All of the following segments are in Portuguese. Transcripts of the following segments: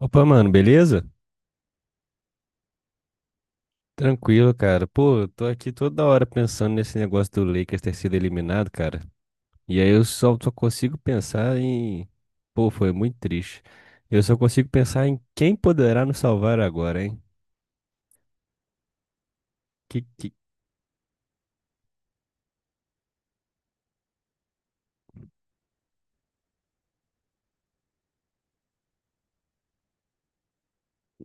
Opa, mano, beleza? Tranquilo, cara. Pô, eu tô aqui toda hora pensando nesse negócio do Lakers ter sido eliminado, cara. E aí eu só consigo pensar em. Pô, foi muito triste. Eu só consigo pensar em quem poderá nos salvar agora, hein? Que...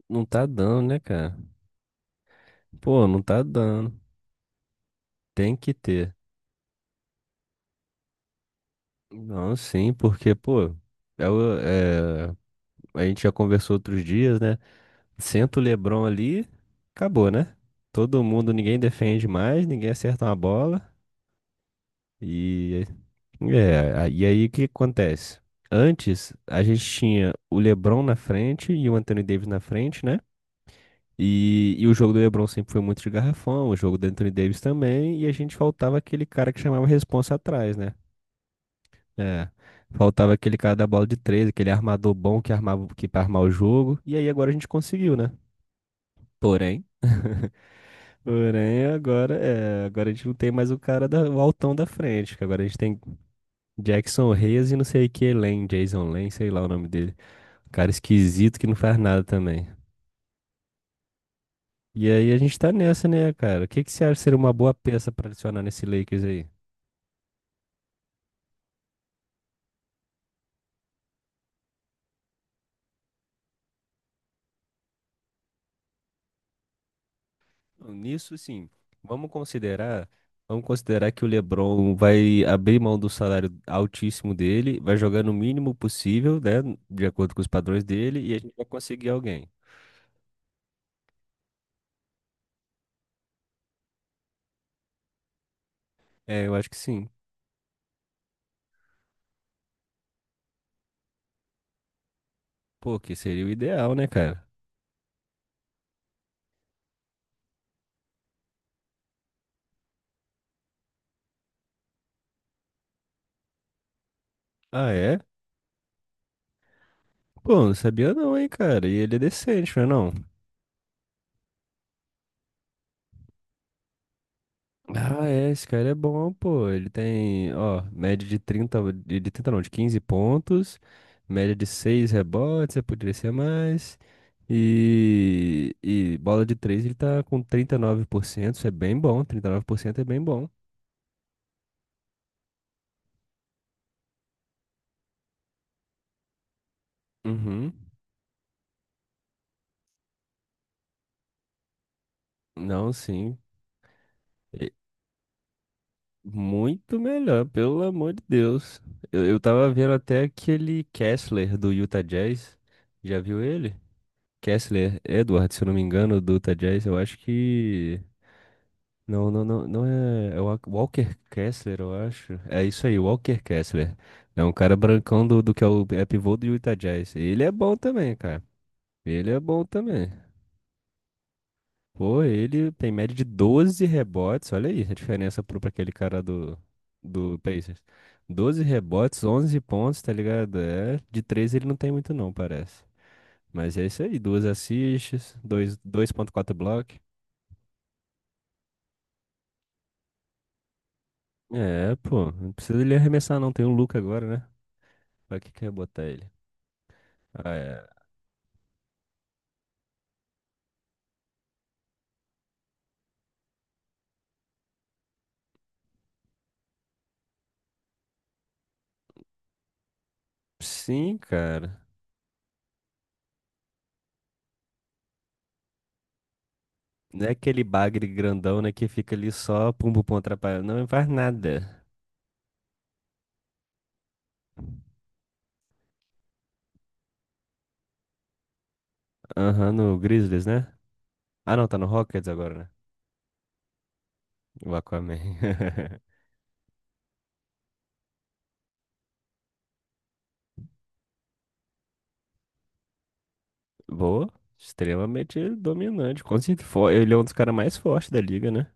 Não tá dando, né, cara? Pô, não tá dando. Tem que ter. Não, sim, porque, pô, é, o- é... a gente já conversou outros dias, né? Senta o LeBron ali, acabou, né? Todo mundo, ninguém defende mais, ninguém acerta uma bola. E, e aí o que acontece? Antes, a gente tinha o LeBron na frente e o Anthony Davis na frente, né? E o jogo do LeBron sempre foi muito de garrafão, o jogo do Anthony Davis também, e a gente faltava aquele cara que chamava responsa atrás, né? É, faltava aquele cara da bola de três, aquele armador bom que armava, que para armar o jogo, e aí agora a gente conseguiu, né? Porém. Porém, agora é, agora a gente não tem mais o cara da, o altão da frente, que agora a gente tem Jackson Reyes e não sei que Lane, Jason Lane, sei lá o nome dele. Um cara esquisito que não faz nada também. E aí a gente tá nessa, né, cara? O que que você acha ser uma boa peça pra adicionar nesse Lakers aí? Nisso, sim. Vamos considerar, vamos considerar que o LeBron vai abrir mão do salário altíssimo dele, vai jogar no mínimo possível, né, de acordo com os padrões dele, e a gente vai conseguir alguém. É, eu acho que sim. Pô, que seria o ideal, né, cara? Ah, é? Pô, não sabia não, hein, cara. E ele é decente, não é não? Ah, é, esse cara é bom, pô. Ele tem, ó, média de 30 de 30 não, de 15 pontos, média de 6 rebotes, eu poderia ser mais. E bola de 3 ele tá com 39%, isso é bem bom, 39% é bem bom. Uhum. Não, sim. Muito melhor, pelo amor de Deus. Eu tava vendo até aquele Kessler do Utah Jazz. Já viu ele? Kessler Edward, se eu não me engano, do Utah Jazz. Eu acho que. Não, não, não, não é. É o Walker Kessler, eu acho. É isso aí, Walker Kessler. É um cara brancão do que é o é pivô do Utah Jazz. Ele é bom também, cara. Ele é bom também. Pô, ele tem média de 12 rebotes. Olha aí a diferença pro, pra aquele cara do, do Pacers. 12 rebotes, 11 pontos, tá ligado? É, de 3 ele não tem muito não, parece. Mas é isso aí, duas assists, 2.4 block. É, pô, não precisa ele arremessar não, tem o Luka agora, né? Pra que que eu botar ele? Ah, é. Sim, cara. Não é aquele bagre grandão, né, que fica ali só pumbo pum atrapalhando. Não faz nada. Aham, no Grizzlies, né? Ah, não, tá no Rockets agora, né? O Aquaman. Boa. Extremamente dominante. Com certeza. Ele é um dos caras mais fortes da liga, né?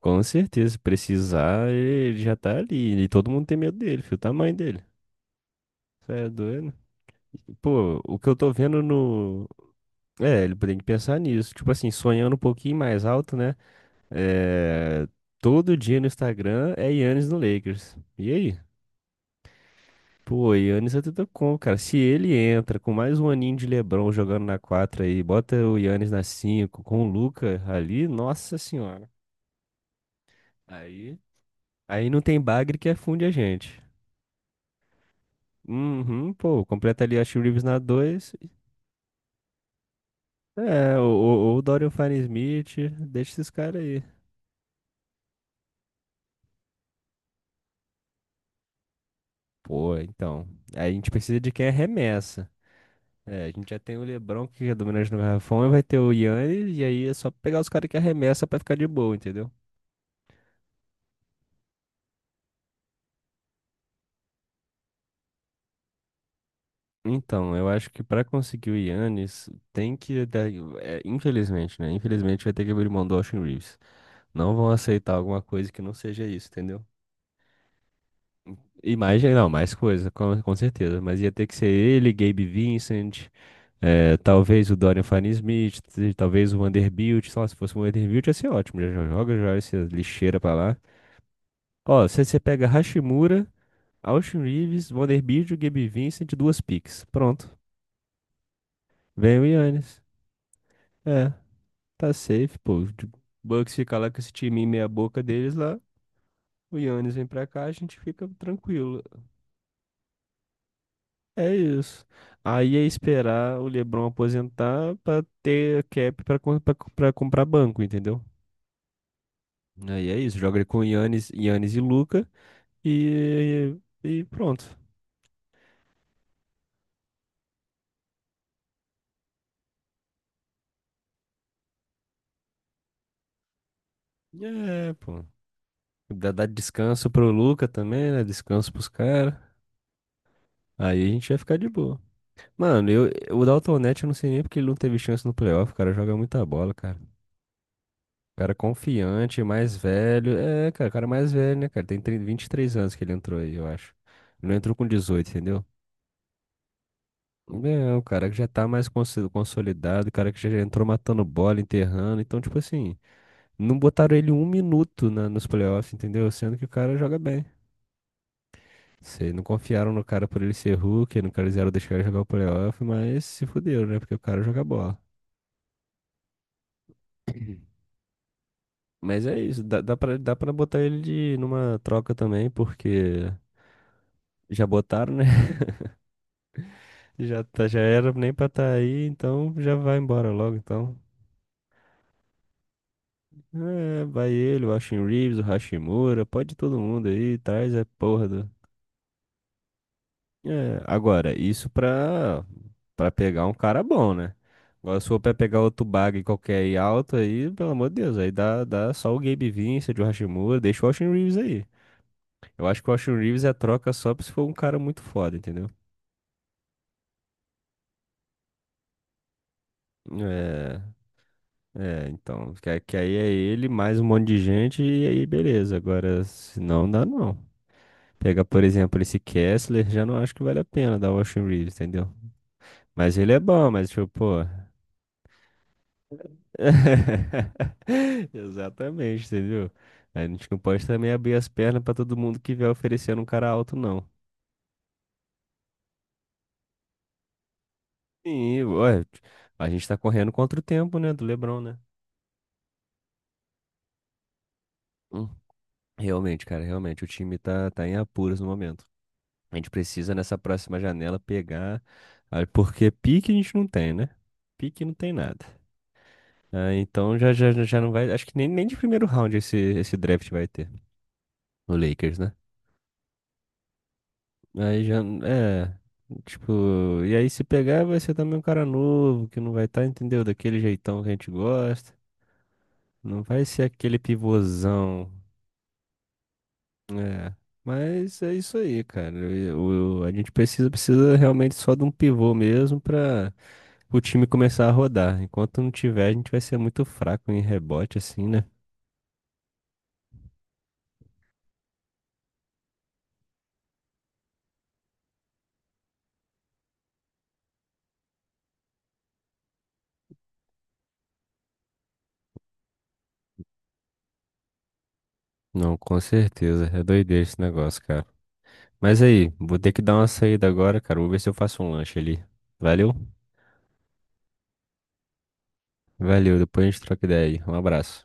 Com certeza. Se precisar, ele já tá ali. E todo mundo tem medo dele, filho. O tamanho dele. Isso é doido. Pô, o que eu tô vendo no. É, ele tem que pensar nisso. Tipo assim, sonhando um pouquinho mais alto, né? É... Todo dia no Instagram é Yannis no Lakers. E aí? Pô, Giannis Antetokounmpo, cara. Se ele entra com mais um aninho de LeBron jogando na 4 aí, bota o Giannis na 5 com o Luca ali, nossa senhora. Aí, aí não tem bagre que afunde a gente. Uhum, pô, completa ali a Austin Reeves na 2. É, ou o Dorian Finney-Smith, deixa esses caras aí. Pô, então, aí a gente precisa de quem arremessa. É, a gente já tem o LeBron que é dominante no garrafão, e vai ter o Giannis, e aí é só pegar os caras que arremessa pra ficar de boa, entendeu? Então, eu acho que para conseguir o Yannis, tem que. É, infelizmente, né? Infelizmente vai ter que abrir mão do Austin Reeves. Não vão aceitar alguma coisa que não seja isso, entendeu? E mais, não, mais coisa, com certeza. Mas ia ter que ser ele, Gabe Vincent, é, talvez o Dorian Finney-Smith, talvez o Vanderbilt. Sei lá, se fosse o Vanderbilt ia ser ótimo. Já já joga já essa lixeira pra lá. Ó, se você pega Hashimura, Austin Reeves, Vanderbilt, Gabe Vincent, duas picks. Pronto. Vem o Yannis. É. Tá safe, pô. O Bucks fica lá com esse time meia boca deles lá. O Yannis vem pra cá, a gente fica tranquilo. É isso. Aí é esperar o LeBron aposentar pra ter cap pra, pra, pra comprar banco, entendeu? Aí é isso. Joga ele com o Yannis, Yannis e Luca e, e pronto. É, pô. Dá, dá descanso pro Luca também, né? Descanso pros caras. Aí a gente vai ficar de boa. Mano, o Dalton Neto eu não sei nem porque ele não teve chance no playoff, cara. Joga muita bola, cara. Cara confiante, mais velho. É, cara, cara mais velho, né, cara? Tem trinta 23 anos que ele entrou aí, eu acho. Ele não entrou com 18 entendeu? É, o cara que já tá mais consolidado, o cara que já entrou matando bola, enterrando. Então, tipo assim, não botaram ele um minuto na, nos playoffs, entendeu? Sendo que o cara joga bem. Sei, não confiaram no cara por ele ser Hulk, não quiseram deixar ele jogar o playoff, mas se fuderam, né? Porque o cara joga bola. Mas é isso, dá pra botar ele de, numa troca também, porque já botaram, né? Já, tá, já era nem pra estar aí, então já vai embora logo, então. É, vai ele, o Austin Reeves, o Hashimura, pode todo mundo aí, traz é porra do... É, agora, isso pra pegar um cara bom, né? Agora se for pra pegar outro bag qualquer aí alto aí, pelo amor de Deus, aí dá só o Gabe Vincent, o Hashimura, deixa o Austin Reeves aí. Eu acho que o Austin Reeves é troca só se for um cara muito foda, entendeu? É, É, então, que aí é ele mais um monte de gente e aí beleza. Agora, se não dá não. Pega, por exemplo, esse Kessler, já não acho que vale a pena dar o Austin Reeves, entendeu? Mas ele é bom, mas tipo, pô. Exatamente, entendeu? A gente não pode também abrir as pernas pra todo mundo que vier oferecendo um cara alto, não. Sim, ué, a gente tá correndo contra o tempo, né, do LeBron, né? Hum. Realmente, cara, realmente, o time tá em apuros no momento. A gente precisa nessa próxima janela pegar, ah, porque pique a gente não tem, né? Pique não tem nada. Ah, então já não vai. Acho que nem de primeiro round esse draft vai ter. O Lakers, né? Aí já. É. Tipo. E aí se pegar vai ser também um cara novo, que não vai estar, entendeu? Daquele jeitão que a gente gosta. Não vai ser aquele pivôzão. É. Mas é isso aí, cara. A gente precisa realmente só de um pivô mesmo pra. O time começar a rodar. Enquanto não tiver, a gente vai ser muito fraco em rebote, assim, né? Não, com certeza. É doideira esse negócio, cara. Mas aí, vou ter que dar uma saída agora, cara. Vou ver se eu faço um lanche ali. Valeu? Valeu, depois a gente troca ideia aí. Um abraço.